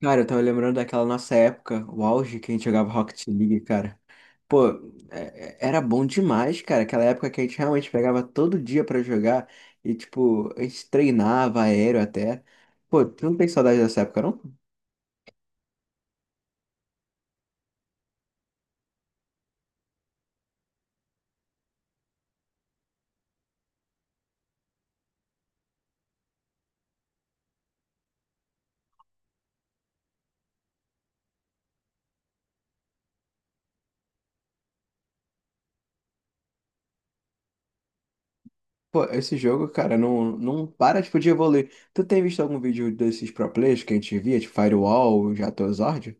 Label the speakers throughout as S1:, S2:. S1: Cara, eu tava lembrando daquela nossa época, o auge que a gente jogava Rocket League, cara. Pô, era bom demais, cara. Aquela época que a gente realmente pegava todo dia pra jogar e, tipo, a gente treinava aéreo até. Pô, tu não tem saudade dessa época, não? Pô, esse jogo, cara, não para, tipo, de evoluir. Tu tem visto algum vídeo desses pro players que a gente via, tipo Firewall, Jatozord?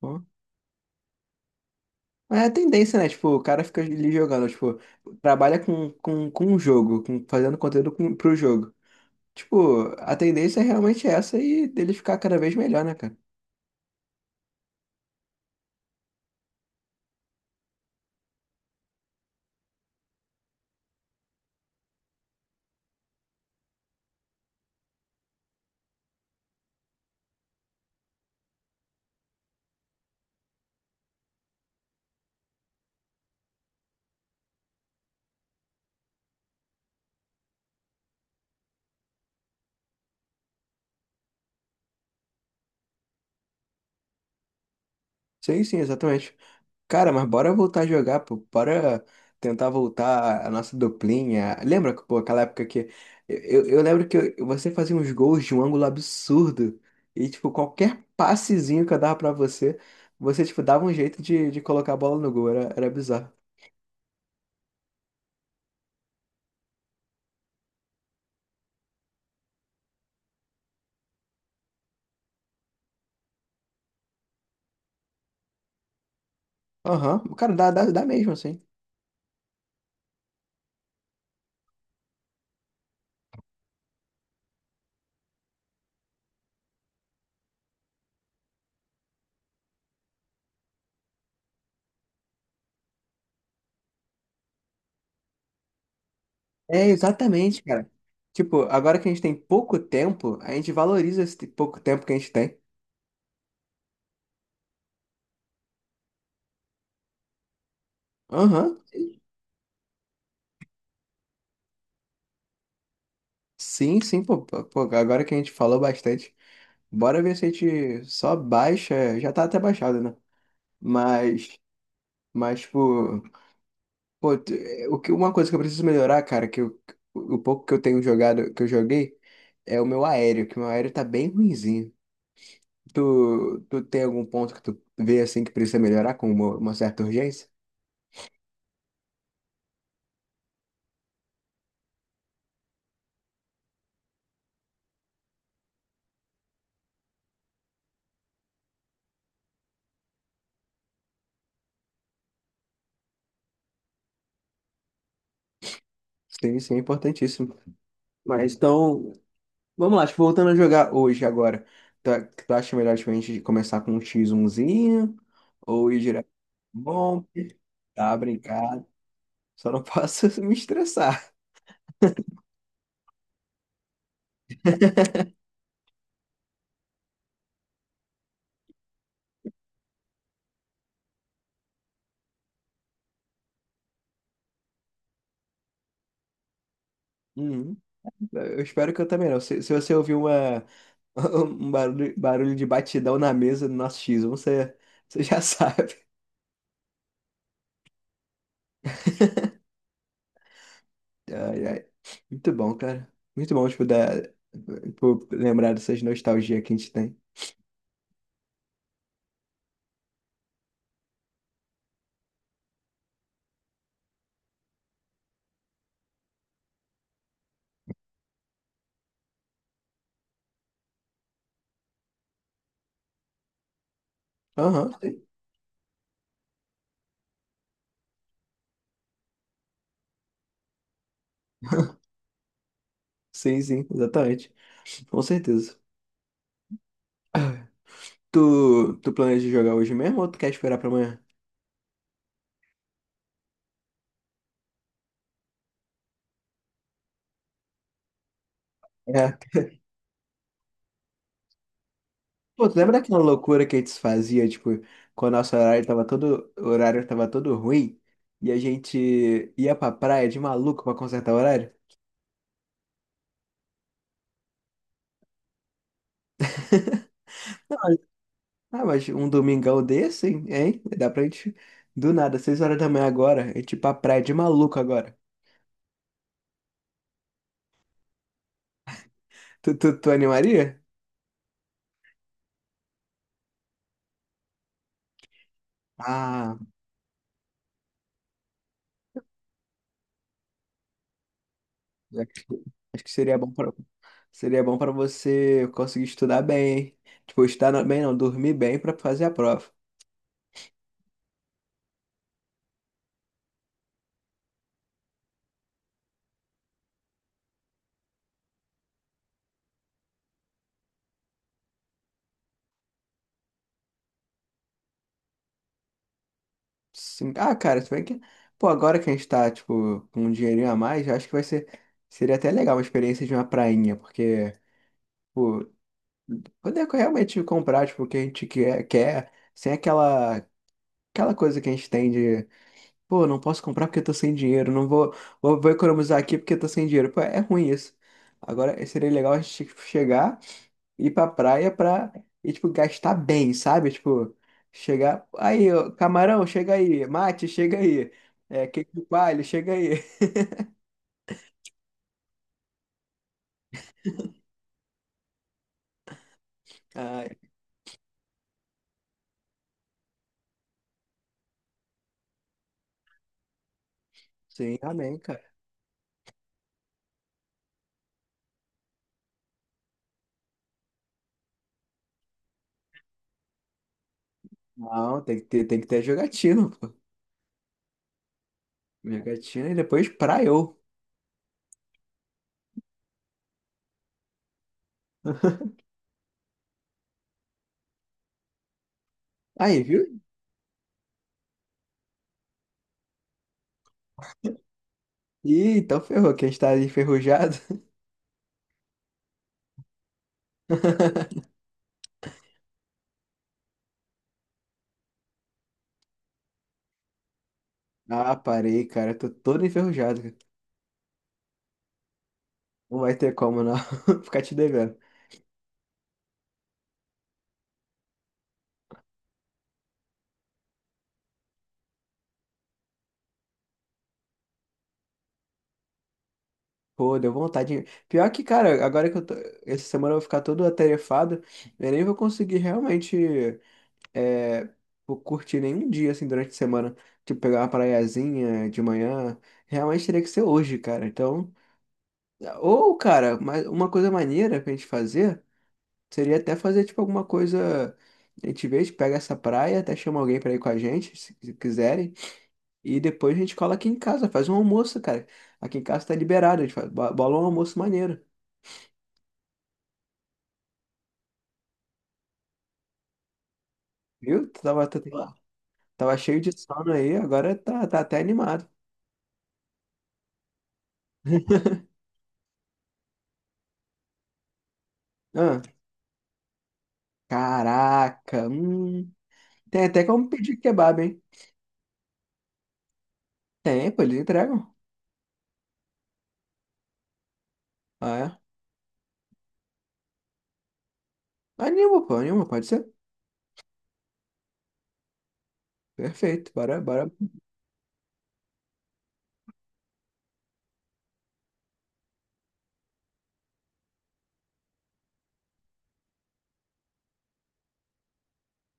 S1: Pô, é a tendência, né? Tipo, o cara fica ali jogando, tipo, trabalha com um jogo, fazendo conteúdo com, pro jogo. Tipo, a tendência é realmente essa e dele ficar cada vez melhor, né, cara? Sim, sim, exatamente. Cara, mas bora voltar a jogar, pô. Bora tentar voltar a nossa duplinha. Lembra, pô, aquela época que. Eu lembro que você fazia uns gols de um ângulo absurdo. E, tipo, qualquer passezinho que eu dava pra você, você, tipo, dava um jeito de colocar a bola no gol. Era bizarro. Aham. Cara, dá, dá, dá mesmo, assim. É, exatamente, cara. Tipo, agora que a gente tem pouco tempo, a gente valoriza esse pouco tempo que a gente tem. Aham. Sim, sim, pô, pô, pô, agora que a gente falou bastante, bora ver se a gente só baixa, já tá até baixado, né? Mas, mas, tipo, pô, o que, uma coisa que eu preciso melhorar, cara, que o pouco que eu tenho jogado, que eu joguei, é o meu aéreo, que o meu aéreo tá bem ruinzinho. Tu tem algum ponto que tu vê, assim, que precisa melhorar com uma certa urgência? Sim, sim, é importantíssimo. Mas, então, vamos lá, tipo, voltando a jogar hoje, agora. Tu, tu acha melhor tipo, a gente começar com um X1 ou ir direto pro bom? Tá, brincado. Só não posso me estressar. Uhum. Eu espero que eu também não. Se você ouvir uma, um barulho de batidão na mesa do nosso X1 você, você já sabe. Ai, ai. Muito bom, cara. Muito bom, tipo, da, por lembrar dessas nostalgias que a gente tem. Aham, sim, sim, sim, exatamente. Com certeza. Tu planeja jogar hoje mesmo ou tu quer esperar pra amanhã? É. Pô, tu lembra daquela loucura que a gente fazia, tipo, quando o nosso horário tava todo, o horário tava todo ruim e a gente ia pra praia de maluco pra consertar o horário? Ah, mas um domingão desse, hein? Hein? Dá pra gente, do nada, 6 horas da manhã agora, a gente ir pra praia de maluco agora. Tu animaria? Ah, acho que acho que seria bom pra você conseguir estudar bem, hein? Tipo, estudar bem não, dormir bem pra fazer a prova. Sim. Ah, cara, se bem que. Pô, agora que a gente tá, tipo, com um dinheirinho a mais, eu acho que vai ser. Seria até legal uma experiência de uma prainha, porque, pô, poder realmente comprar, tipo, o que a gente quer, quer, sem aquela, coisa que a gente tem de, pô, não posso comprar porque eu tô sem dinheiro, não vou, vou economizar aqui porque eu tô sem dinheiro. Pô, é ruim isso. Agora, seria legal a gente tipo, chegar ir pra praia pra, e, tipo, gastar bem, sabe? Tipo, chegar. Aí, ó, camarão, chega aí. Mate, chega aí. É, queijo de coalho, chega aí. Ah, sim, amém, cara. Não, tem que ter jogatina, pô. Jogatina e depois praiou. Aí, viu? Ih, então ferrou, que a gente tá enferrujado. Ah, parei, cara. Eu tô todo enferrujado, cara. Não vai ter como, não. Ficar te devendo. Pô, deu vontade. De- pior que, cara, agora que eu tô... Essa semana eu vou ficar todo atarefado, eu nem vou conseguir realmente é, vou curtir nenhum dia, assim, durante a semana. Tipo, pegar uma praiazinha de manhã. Realmente teria que ser hoje, cara. Então... Ou, cara, mas uma coisa maneira pra gente fazer seria até fazer, tipo, alguma coisa... A gente vê, a gente pega essa praia, até chama alguém pra ir com a gente, se quiserem. E depois a gente cola aqui em casa, faz um almoço, cara. Aqui em casa tá liberado, a gente bola um almoço maneiro. Viu? Tu tava, tava cheio de sono aí, agora tá, tá até animado. Ah, caraca. Tem até como pedir kebab, hein? Tem, pô, eles entregam. Ah, é. Anima, pô, anima, pode ser. Perfeito, bora, bora.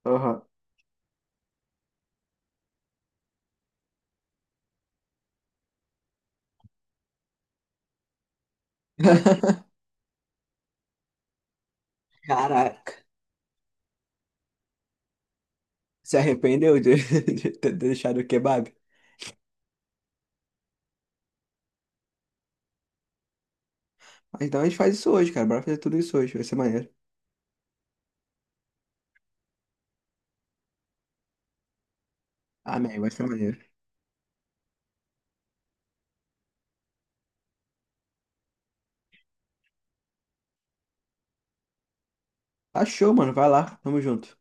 S1: Aham. Caraca, se arrependeu de ter deixado o kebab? Mas então a gente faz isso hoje, cara. Bora fazer tudo isso hoje, vai ser maneiro. Amém, vai ser maneiro. Achou, mano, vai lá, tamo junto.